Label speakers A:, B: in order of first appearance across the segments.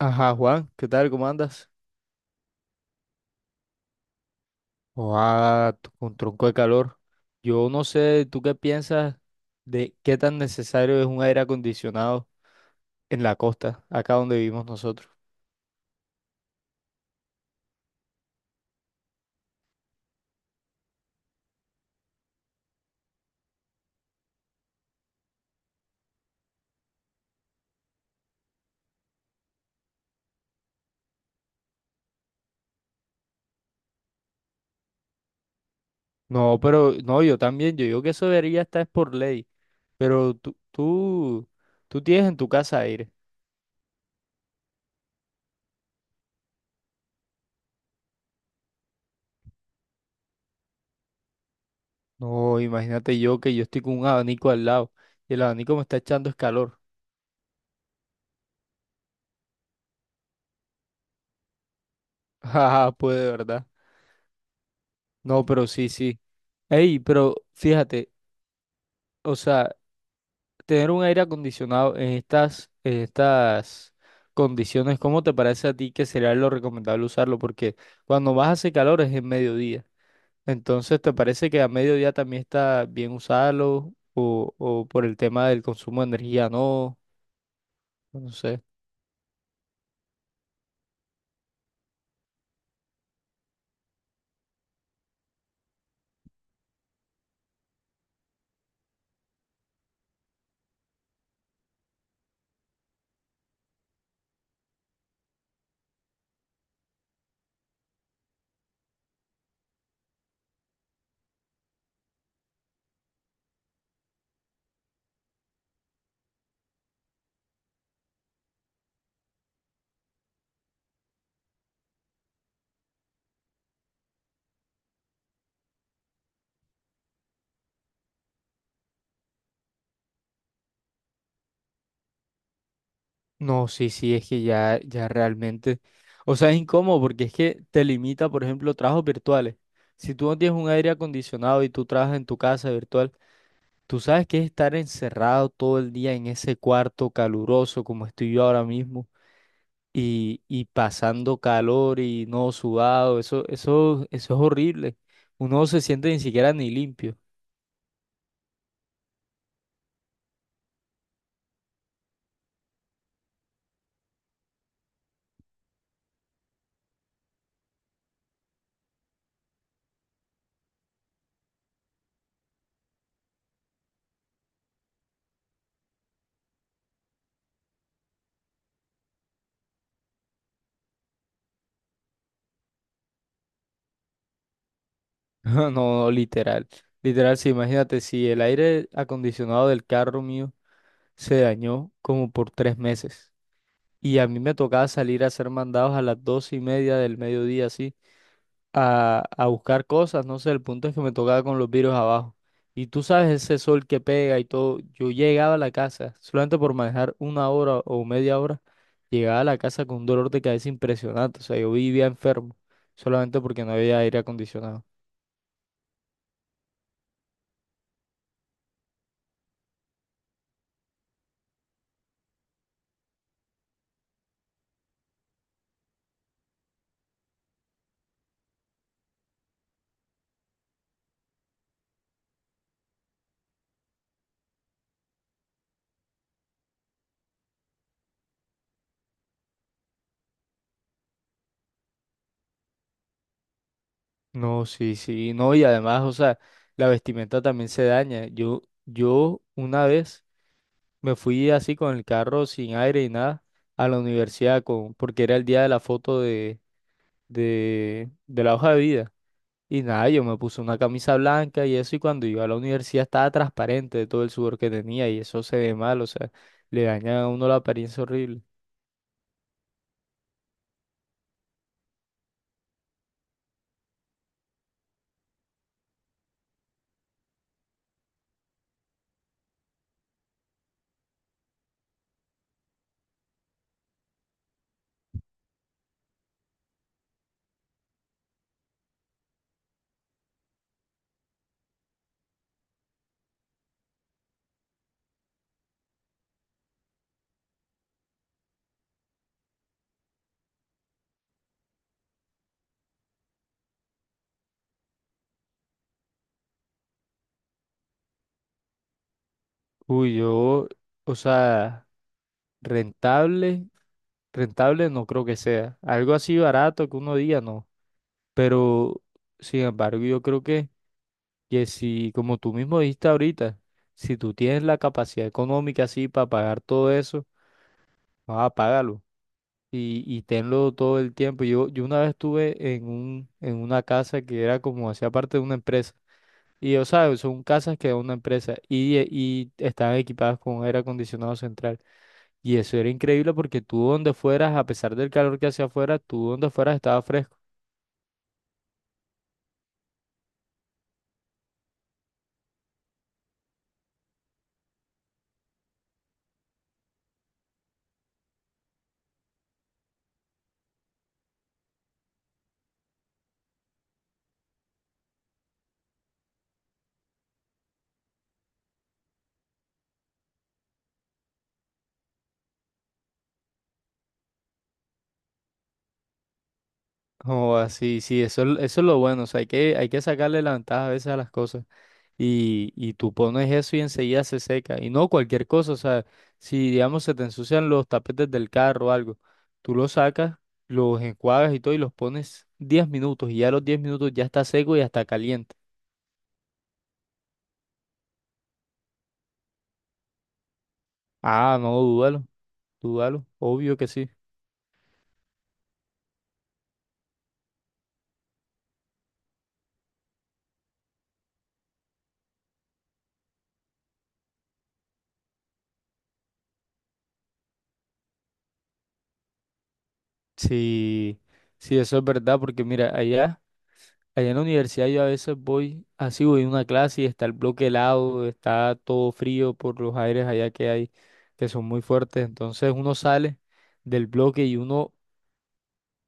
A: Ajá, Juan, ¿qué tal? ¿Cómo andas? Oa, con tronco de calor. Yo no sé, ¿tú qué piensas de qué tan necesario es un aire acondicionado en la costa, acá donde vivimos nosotros? No, pero no, yo también, yo digo que eso debería estar por ley, pero tú tienes en tu casa aire. No, imagínate yo que yo estoy con un abanico al lado y el abanico me está echando es calor. Ajá, pues de verdad. No, pero sí, sí. Ey, pero fíjate. O sea, Tener un aire acondicionado en estas condiciones, ¿cómo te parece a ti que sería lo recomendable usarlo? Porque cuando más hace calor es en mediodía. Entonces, ¿te parece que a mediodía también está bien usarlo? O por el tema del consumo de energía, no, no sé. No, sí, sí, es que ya realmente. O sea, es incómodo porque es que te limita, por ejemplo, trabajos virtuales. Si tú no tienes un aire acondicionado y tú trabajas en tu casa virtual, tú sabes que es estar encerrado todo el día en ese cuarto caluroso como estoy yo ahora mismo y pasando calor y no sudado, eso es horrible. Uno no se siente ni siquiera ni limpio. No, no, literal. Literal, sí, imagínate si el aire acondicionado del carro mío se dañó como por 3 meses y a mí me tocaba salir a hacer mandados a las 12 y media del mediodía, así a buscar cosas, no sé, el punto es que me tocaba con los virus abajo. Y tú sabes ese sol que pega y todo. Yo llegaba a la casa, solamente por manejar 1 hora o media hora, llegaba a la casa con un dolor de cabeza impresionante. O sea, yo vivía enfermo, solamente porque no había aire acondicionado. No, sí, sí, no, y además, o sea, la vestimenta también se daña. Yo una vez me fui así con el carro sin aire y nada a la universidad con, porque era el día de la foto de de la hoja de vida. Y nada, yo me puse una camisa blanca y eso, y cuando iba a la universidad estaba transparente de todo el sudor que tenía, y eso se ve mal, o sea, le daña a uno la apariencia horrible. Uy, yo, o sea, rentable, rentable no creo que sea. Algo así barato que uno diga, no. Pero, sin embargo, yo creo que si, como tú mismo dijiste ahorita, si tú tienes la capacidad económica así para pagar todo eso, no, y tenlo todo el tiempo. Yo una vez estuve en una casa que era como hacía parte de una empresa. Y o sea, son casas que da una empresa y estaban equipadas con aire acondicionado central. Y eso era increíble porque tú donde fueras, a pesar del calor que hacía afuera, tú donde fueras estaba fresco. Oh así, sí, eso, eso es lo bueno. O sea, hay que sacarle la ventaja a veces a las cosas. Y tú pones eso y enseguida se seca. Y no cualquier cosa, o sea, si digamos se te ensucian los tapetes del carro o algo, tú los sacas, los enjuagas y todo y los pones 10 minutos y ya a los 10 minutos ya está seco y hasta caliente. Ah, no, dúdalo, dúdalo, obvio que sí. Sí, sí, eso es verdad, porque mira, allá. Allá en la universidad yo a veces voy, así voy a una clase y está el bloque helado, está todo frío por los aires allá que hay, que son muy fuertes. Entonces uno sale del bloque y uno,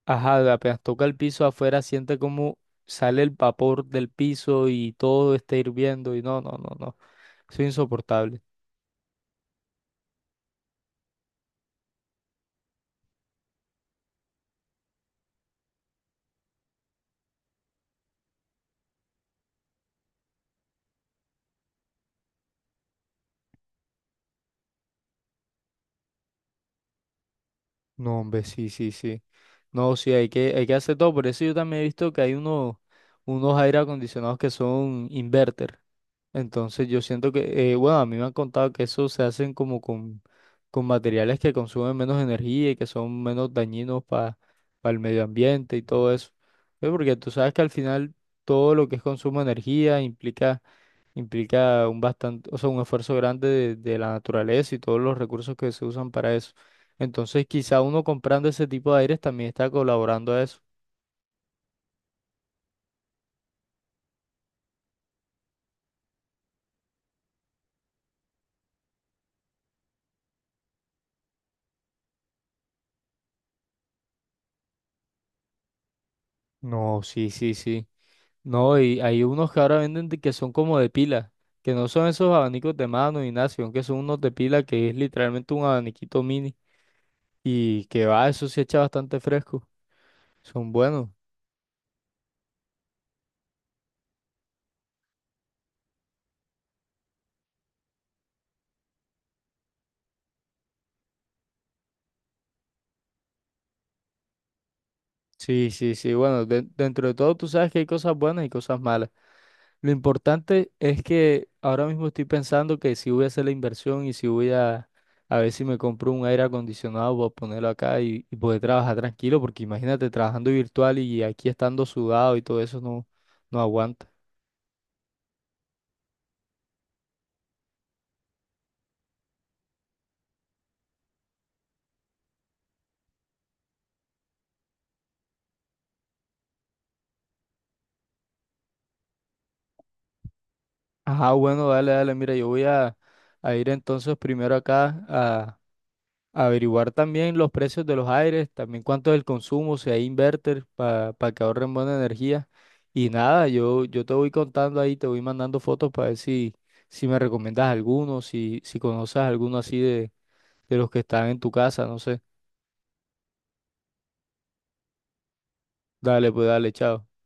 A: ajá, apenas toca el piso afuera, siente como sale el vapor del piso y todo está hirviendo y no, eso es insoportable. No, hombre, sí, sí, sí. No, sí, hay que hacer todo. Por eso yo también he visto que hay unos, unos aire acondicionados que son inverter. Entonces yo siento que, bueno, a mí me han contado que eso se hacen como con materiales que consumen menos energía y que son menos dañinos para el medio ambiente y todo eso. Porque tú sabes que al final todo lo que es consumo de energía implica, implica un bastante, o sea, un esfuerzo grande de la naturaleza y todos los recursos que se usan para eso. Entonces quizá uno comprando ese tipo de aires también está colaborando a eso. No, sí, sí, sí. No, y hay unos que ahora venden que son como de pila, que no son esos abanicos de mano, Ignacio, aunque son unos de pila que es literalmente un abaniquito mini y que va, eso se echa bastante fresco. Son buenos. Sí, sí, sí, bueno, dentro de todo tú sabes que hay cosas buenas y cosas malas. Lo importante es que ahora mismo estoy pensando que si voy a hacer la inversión y si a ver si me compro un aire acondicionado para ponerlo acá y poder trabajar tranquilo, porque imagínate trabajando virtual y aquí estando sudado y todo eso no, no aguanta. Ajá, bueno, dale, dale, mira, a ir entonces primero a averiguar también los precios de los aires, también cuánto es el consumo, si hay inverter para que ahorren buena energía. Y nada, yo te voy contando ahí, te voy mandando fotos para ver si, si me recomiendas alguno, si, si conoces alguno así de los que están en tu casa, no sé. Dale, pues dale, chao.